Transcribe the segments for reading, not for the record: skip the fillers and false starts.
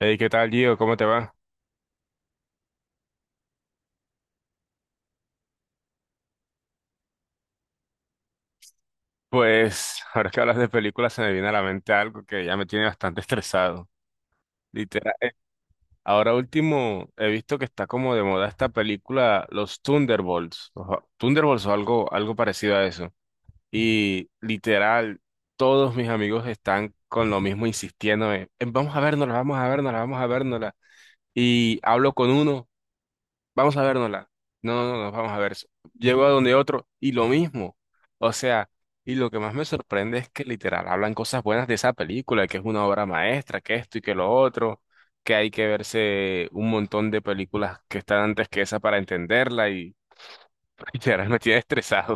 Hey, ¿qué tal, Gio? ¿Cómo te va? Pues ahora que hablas de películas se me viene a la mente algo que ya me tiene bastante estresado. Literal. Ahora último he visto que está como de moda esta película Los Thunderbolts. Thunderbolts o algo, algo parecido a eso. Y literal, todos mis amigos están con lo mismo insistiendo en, vamos a vernosla, vamos a vernosla, vamos a vernosla. Y hablo con uno. Vamos a vernosla. No, no, no, nos vamos a ver. Llego a donde otro y lo mismo. O sea, y lo que más me sorprende es que literal hablan cosas buenas de esa película, que es una obra maestra, que esto y que lo otro, que hay que verse un montón de películas que están antes que esa para entenderla. Y literal me tiene estresado.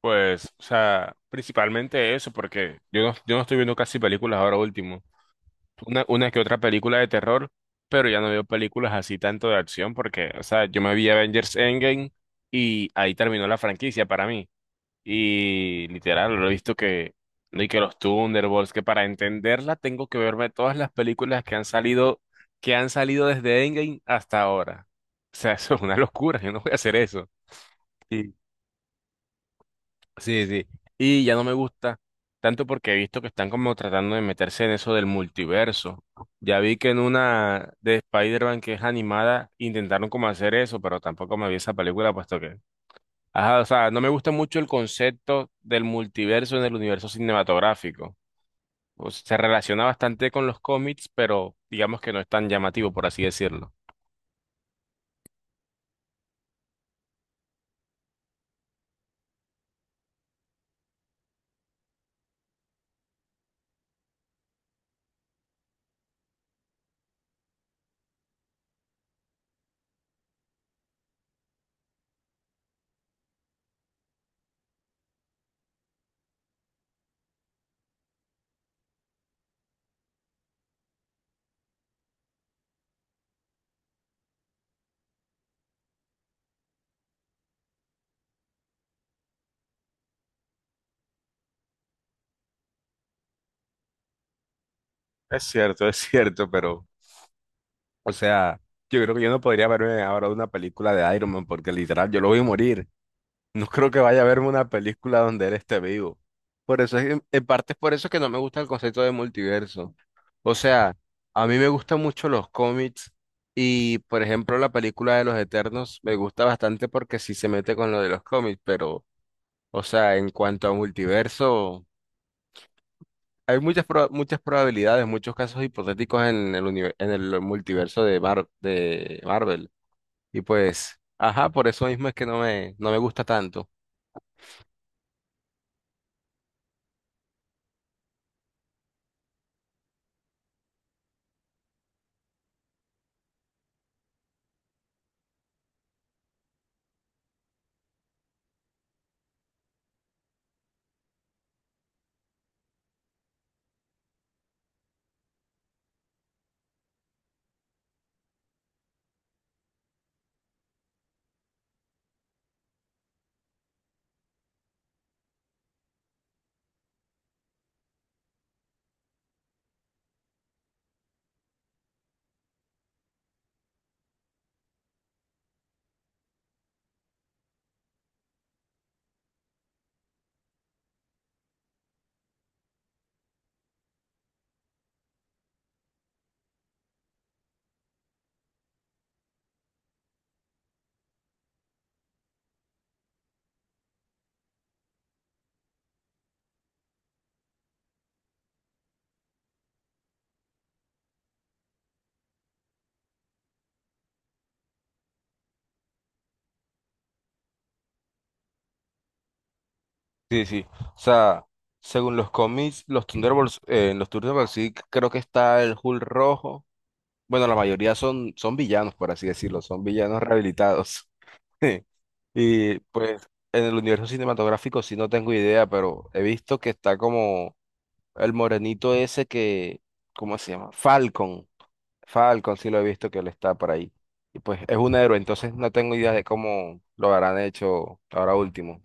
Pues, o sea, principalmente eso, porque yo no estoy viendo casi películas ahora último. Una que otra película de terror, pero ya no veo películas así tanto de acción porque, o sea, yo me vi Avengers Endgame y ahí terminó la franquicia para mí. Y literal, lo he visto y que los Thunderbolts, que para entenderla tengo que verme todas las películas que han salido desde Endgame hasta ahora. O sea, eso es una locura, yo no voy a hacer eso. Sí, sí. Y ya no me gusta tanto porque he visto que están como tratando de meterse en eso del multiverso. Ya vi que en una de Spider-Man que es animada intentaron como hacer eso, pero tampoco me vi esa película puesto que... Ajá, o sea, no me gusta mucho el concepto del multiverso en el universo cinematográfico. O sea, se relaciona bastante con los cómics, pero digamos que no es tan llamativo, por así decirlo. Es cierto, pero, o sea, yo creo que yo no podría verme ahora una película de Iron Man porque literal yo lo voy a morir. No creo que vaya a verme una película donde él esté vivo. Por eso es, en parte es por eso que no me gusta el concepto de multiverso. O sea, a mí me gustan mucho los cómics y, por ejemplo, la película de los Eternos me gusta bastante porque sí se mete con lo de los cómics, pero, o sea, en cuanto a multiverso. Hay muchas, muchas probabilidades, muchos casos hipotéticos en en el multiverso de, de Marvel. Y pues, ajá, por eso mismo es que no me gusta tanto. Sí, sí. O sea, según los cómics, los Thunderbolts, en los Thunderbolts sí creo que está el Hulk rojo. Bueno, la mayoría son, son villanos, por así decirlo, son villanos rehabilitados. Y pues en el universo cinematográfico sí no tengo idea, pero he visto que está como el morenito ese que, ¿cómo se llama? Falcon. Falcon, sí lo he visto que él está por ahí. Y pues es un héroe, entonces no tengo idea de cómo lo habrán hecho ahora último.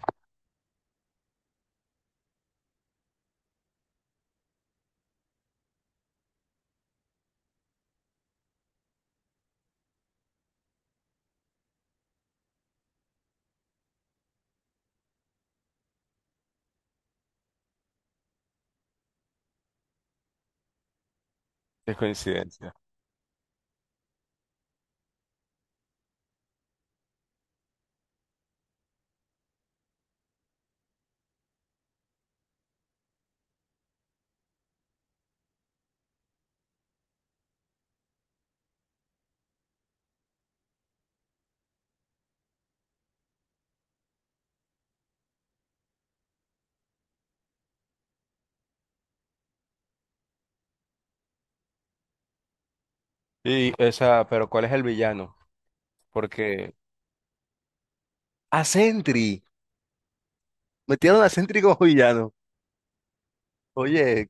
Es coincidencia. Y esa, pero ¿cuál es el villano? Porque... A Sentry. Metieron a Sentry como villano. Oye,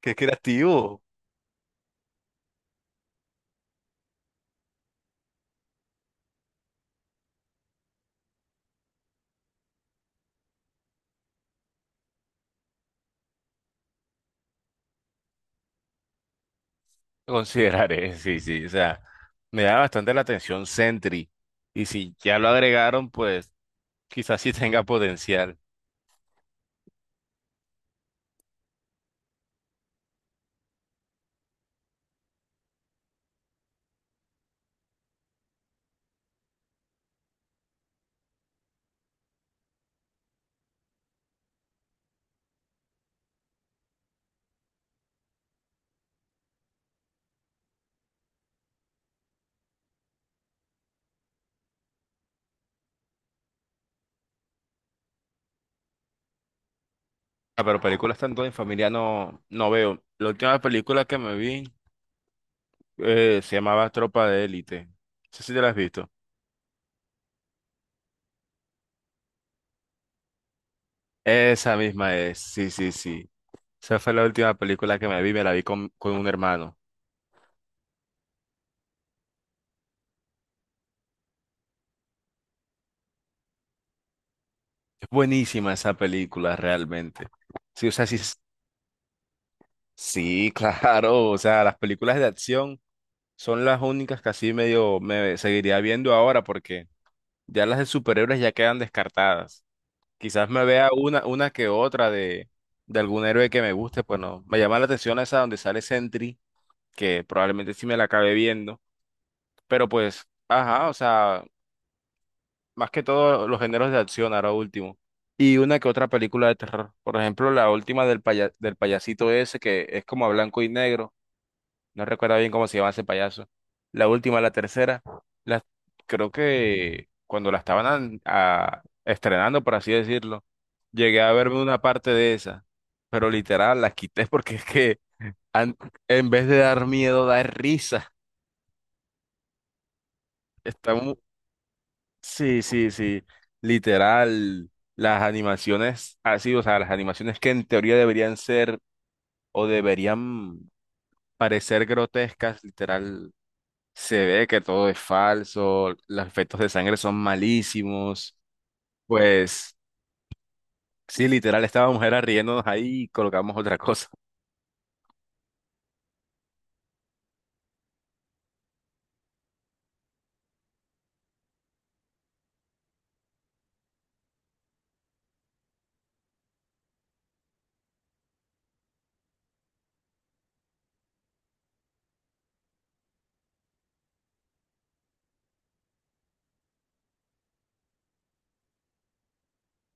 qué creativo. Consideraré, sí, sí, o sea, me da bastante la atención Sentry. Y si ya lo agregaron, pues quizás sí tenga potencial. Ah, pero películas tanto en familia no, no veo. La última película que me vi se llamaba Tropa de Élite. No sé si te la has visto. Esa misma es, sí, sí, sí. Esa fue la última película que me vi, me la vi con un hermano. Es buenísima esa película, realmente. Sí, o sea, sí, sí, claro. O sea, las películas de acción son las únicas que así medio me seguiría viendo ahora porque ya las de superhéroes ya quedan descartadas. Quizás me vea una que otra de algún héroe que me guste, pues no. Me llama la atención esa donde sale Sentry, que probablemente sí me la acabe viendo. Pero pues, ajá, o sea, más que todo los géneros de acción, ahora último. Y una que otra película de terror. Por ejemplo, la última del payasito ese, que es como a blanco y negro. No recuerdo bien cómo se llama ese payaso. La última, la tercera. La, creo que cuando la estaban estrenando, por así decirlo, llegué a verme una parte de esa. Pero literal, la quité porque es que an- en vez de dar miedo, da risa. Está mu- Sí, sí, sí. Literal, las animaciones así, o sea, las animaciones que en teoría deberían ser o deberían parecer grotescas, literal se ve que todo es falso, los efectos de sangre son malísimos. Pues sí, literal, estábamos era riéndonos ahí y colocamos otra cosa.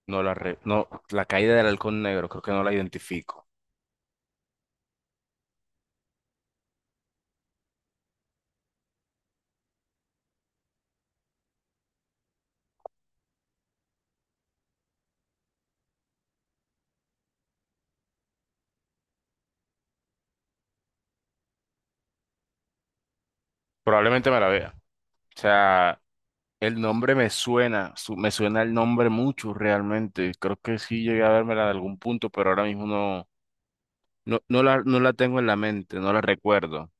No, la caída del halcón negro, creo que no la identifico. Probablemente me la vea. O sea, el nombre me suena, me suena el nombre mucho realmente. Creo que sí llegué a vérmela de algún punto, pero ahora mismo no, no la tengo en la mente, no la recuerdo.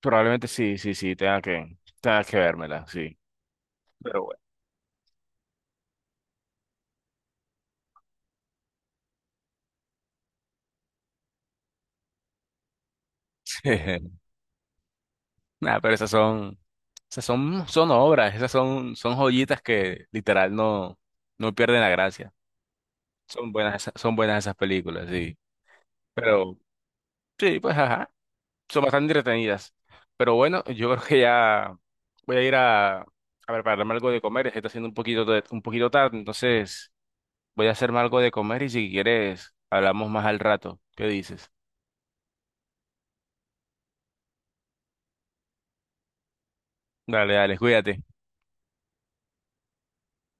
Probablemente sí, sí, sí, tenga que vérmela, sí. Pero bueno. Nada, pero esas son, son obras, son joyitas que literal no, no pierden la gracia. Son buenas, son buenas esas películas, sí. Pero sí, pues ajá, son bastante entretenidas. Pero bueno, yo creo que ya voy a ir a prepararme algo de comer. Se está haciendo un poquito, un poquito tarde, entonces voy a hacerme algo de comer y si quieres hablamos más al rato. ¿Qué dices? Dale, dale, cuídate.